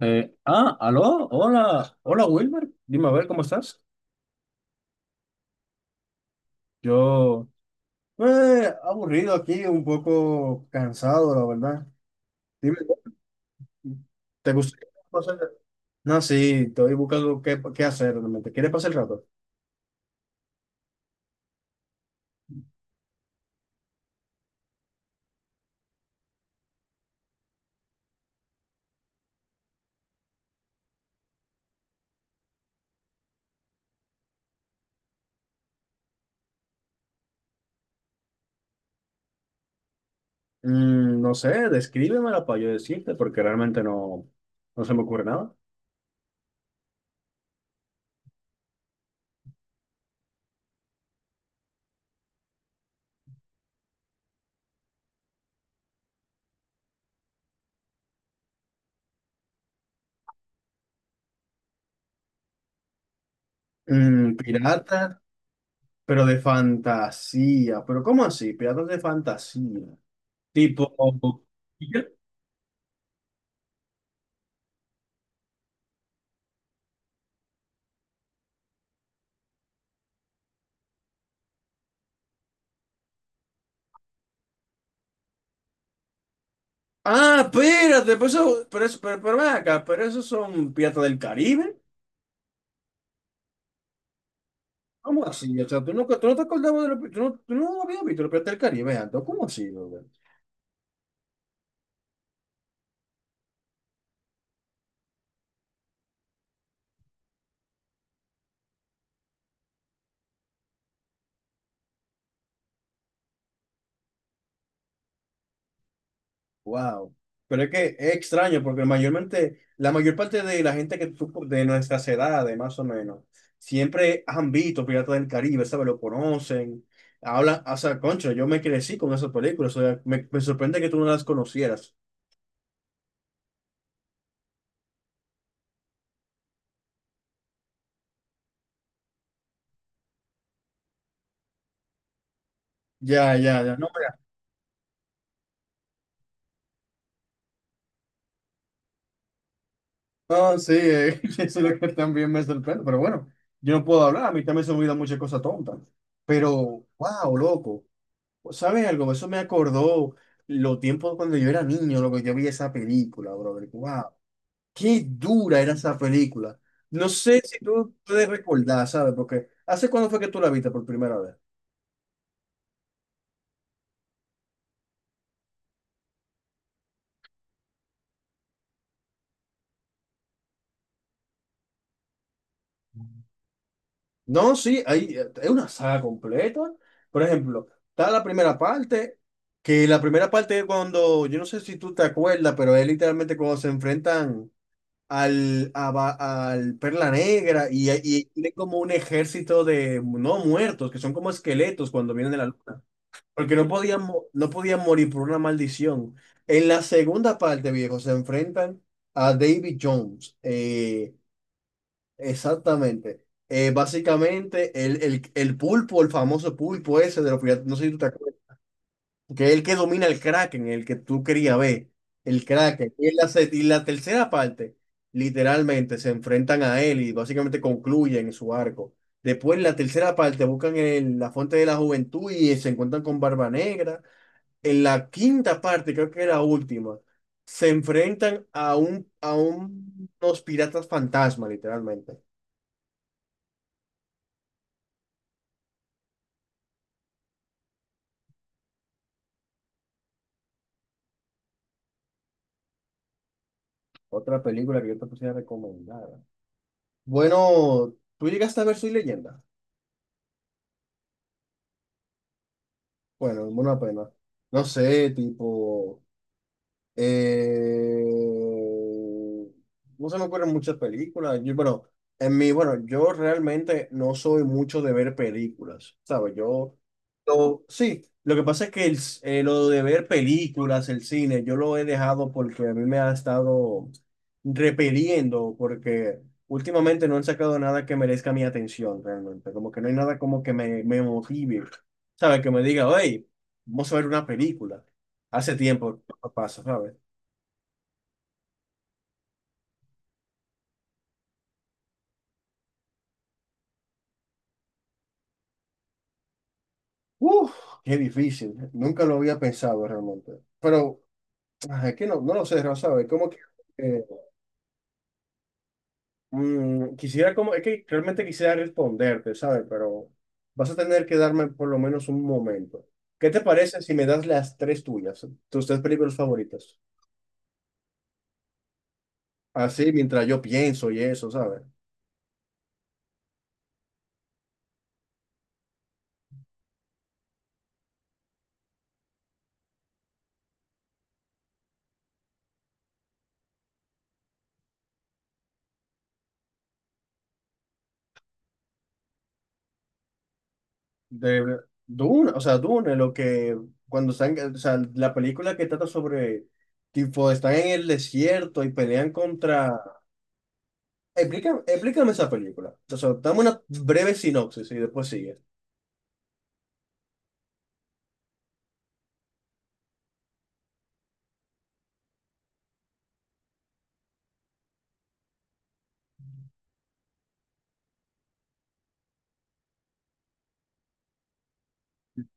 Aló, hola, hola Wilmer, dime a ver cómo estás. Yo, pues, aburrido aquí, un poco cansado, la verdad. Dime, ¿te gustaría pasar? No, sí, estoy buscando qué hacer realmente. ¿Quieres pasar el rato? No sé, descríbemela para yo decirte, porque realmente no se me ocurre nada. Piratas, pero de fantasía. ¿Pero cómo así? Piratas de fantasía. Tipo. Ah, espérate, pues eso, pero eso, pero ven acá, pero esos son Piratas del Caribe. ¿Cómo así? O sea, tú, nunca, tú no te acordabas de los tú no habías visto los Piratas del Caribe antes. ¿Cómo así, brother? Wow. Pero es que es extraño porque mayormente, la mayor parte de la gente que tú, de nuestras edades, más o menos, siempre han visto Piratas del Caribe, ¿sabes? Lo conocen, hablan, o sea, concho, yo me crecí con esas películas, o sea, me sorprende que tú no las conocieras. Ya, ya, ya. No. No, sí, eso es lo que también me sorprende, pero bueno, yo no puedo hablar, a mí también se me olvidan muchas cosas tontas, pero, wow, loco, ¿sabes algo? Eso me acordó los tiempos cuando yo era niño, lo que yo vi esa película, brother, wow, qué dura era esa película. No sé si tú puedes recordar, ¿sabes? Porque, ¿hace cuándo fue que tú la viste por primera vez? No, sí, hay, es una saga completa. Por ejemplo, está la primera parte, que la primera parte es cuando, yo no sé si tú te acuerdas, pero es literalmente cuando se enfrentan al Perla Negra y tienen como un ejército de no muertos, que son como esqueletos cuando vienen de la luna, porque no podían, no podían morir por una maldición. En la segunda parte, viejo, se enfrentan a David Jones. Eh. Exactamente. Básicamente, el pulpo, el famoso pulpo ese de los piratas, no sé si tú te acuerdas, que es el que domina el Kraken, el que tú querías ver, el Kraken. Y en la, se- y la tercera parte, literalmente, se enfrentan a él y básicamente concluyen su arco. Después, en la tercera parte, buscan el- la fuente de la juventud y se encuentran con Barba Negra. En la quinta parte, creo que era la última, se enfrentan a un, unos piratas fantasma, literalmente. Otra película que yo te pusiera recomendada. Bueno, tú llegaste a ver Soy Leyenda. Bueno, una pena. No sé, tipo. Eh, no se me ocurren muchas películas. Yo, bueno, en mí, bueno, yo realmente no soy mucho de ver películas, ¿sabes? Yo, lo- sí, lo que pasa es que el, lo de ver películas, el cine, yo lo he dejado porque a mí me ha estado repeliendo, porque últimamente no han sacado nada que merezca mi atención realmente. Como que no hay nada como que me motive, ¿sabes? Que me diga, hey, vamos a ver una película. Hace tiempo. Pasa, ¿sabes? Uf, qué difícil. Nunca lo había pensado realmente. Pero ah, es que no lo sé, Rafa, ¿sabes? Como que eh, quisiera, como, es que realmente quisiera responderte, ¿sabes? Pero vas a tener que darme por lo menos un momento. ¿Qué te parece si me das las tres tuyas, tus tres películas favoritas? Así, mientras yo pienso y eso, ¿sabes? De Dune, o sea, Dune, lo que cuando están, o sea, la película que trata sobre, tipo, están en el desierto y pelean contra. Explícame, explícame esa película. O sea, dame una breve sinopsis y después sigue.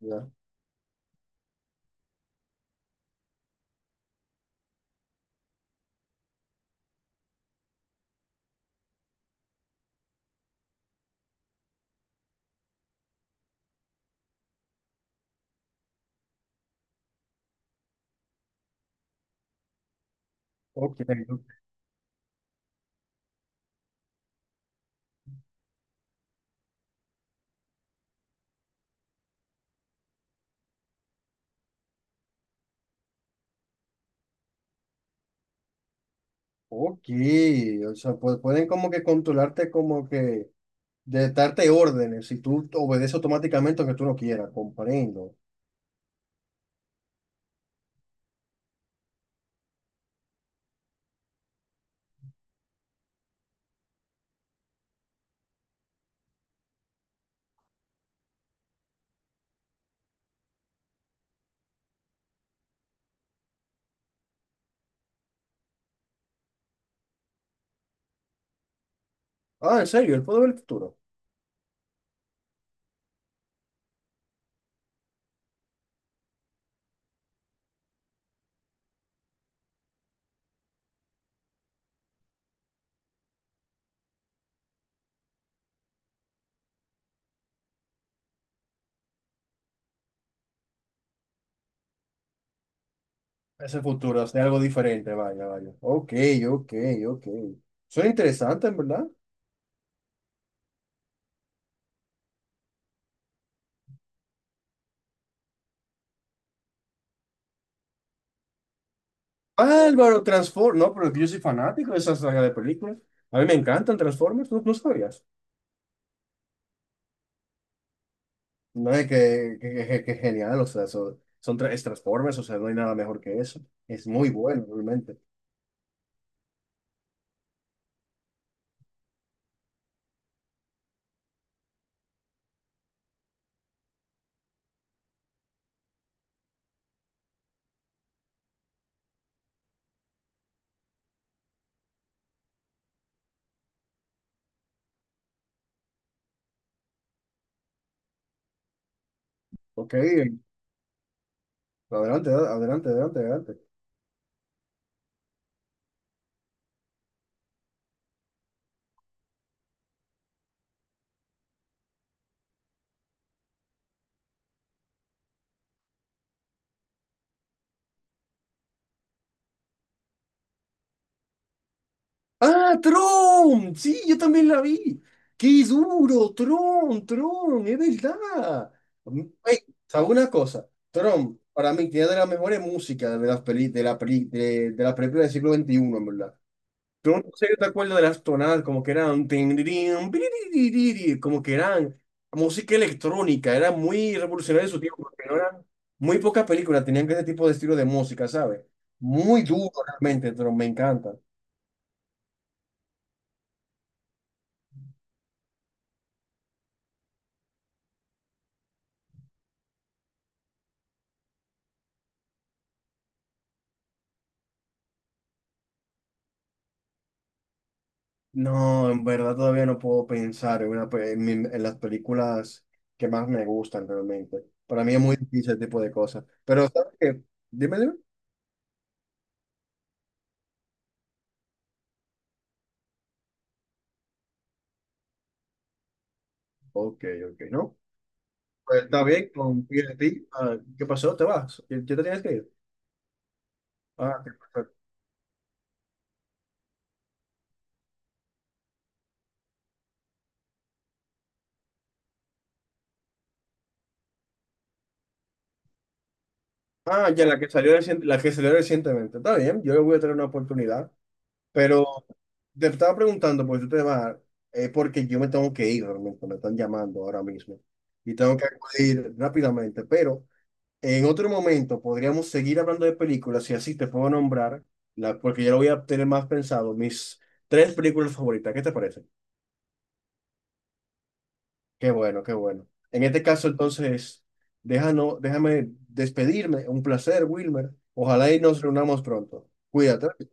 Ya. Ok, ok. O sea, pues, pueden como que controlarte como que de darte órdenes y tú obedeces automáticamente aunque tú no quieras, comprendo. Ah, en serio, él puede ver el futuro. Ese futuro, hacer algo diferente, vaya, vaya. Ok, ok, ok. Suena interesante, en verdad. Álvaro, Transform, no, pero yo soy fanático de esa saga de películas. A mí me encantan Transformers, ¿no, no sabías? No, es que, que genial, o sea, son, son tres Transformers, o sea, no hay nada mejor que eso. Es muy bueno, realmente. Ok, adelante, adelante, adelante, adelante. ¡Ah, Tron! Sí, yo también la vi. ¡Qué duro! Tron, Tron, es verdad. Mm, Ey, ¿sabes una cosa? Tron, para mí, tiene de las mejores músicas de las peli, de la peli, de las películas del siglo XXI en verdad. Yo no sé, yo te acuerdo de las tonadas, como que eran, tin, dirin, piririririri, como que eran música electrónica, era muy revolucionario en su tiempo, porque no eran, muy pocas películas tenían ese tipo de estilo de música, ¿sabes? Muy duro realmente, pero me encanta. No, en verdad todavía no puedo pensar en, una, pe- en, mi- en las películas que más me gustan realmente. Para mí es muy difícil ese tipo de cosas. Pero, ¿sabes qué? Dime, dime. Ok, ok, ¿no? Pues está bien, confío en ti. Ah, ¿qué pasó? ¿Te vas? ¿Ya te tienes que ir? Ah, qué cosa. Ah, ya la que salió la que salió recientemente. Está bien, yo le voy a tener una oportunidad. Pero te estaba preguntando por este tema, es porque yo me tengo que ir realmente, me están llamando ahora mismo y tengo que acudir rápidamente. Pero en otro momento podríamos seguir hablando de películas y así te puedo nombrar, la, porque ya lo voy a tener más pensado, mis tres películas favoritas. ¿Qué te parece? Qué bueno, qué bueno. En este caso, entonces, déjame despedirme. Un placer, Wilmer. Ojalá y nos reunamos pronto. Cuídate.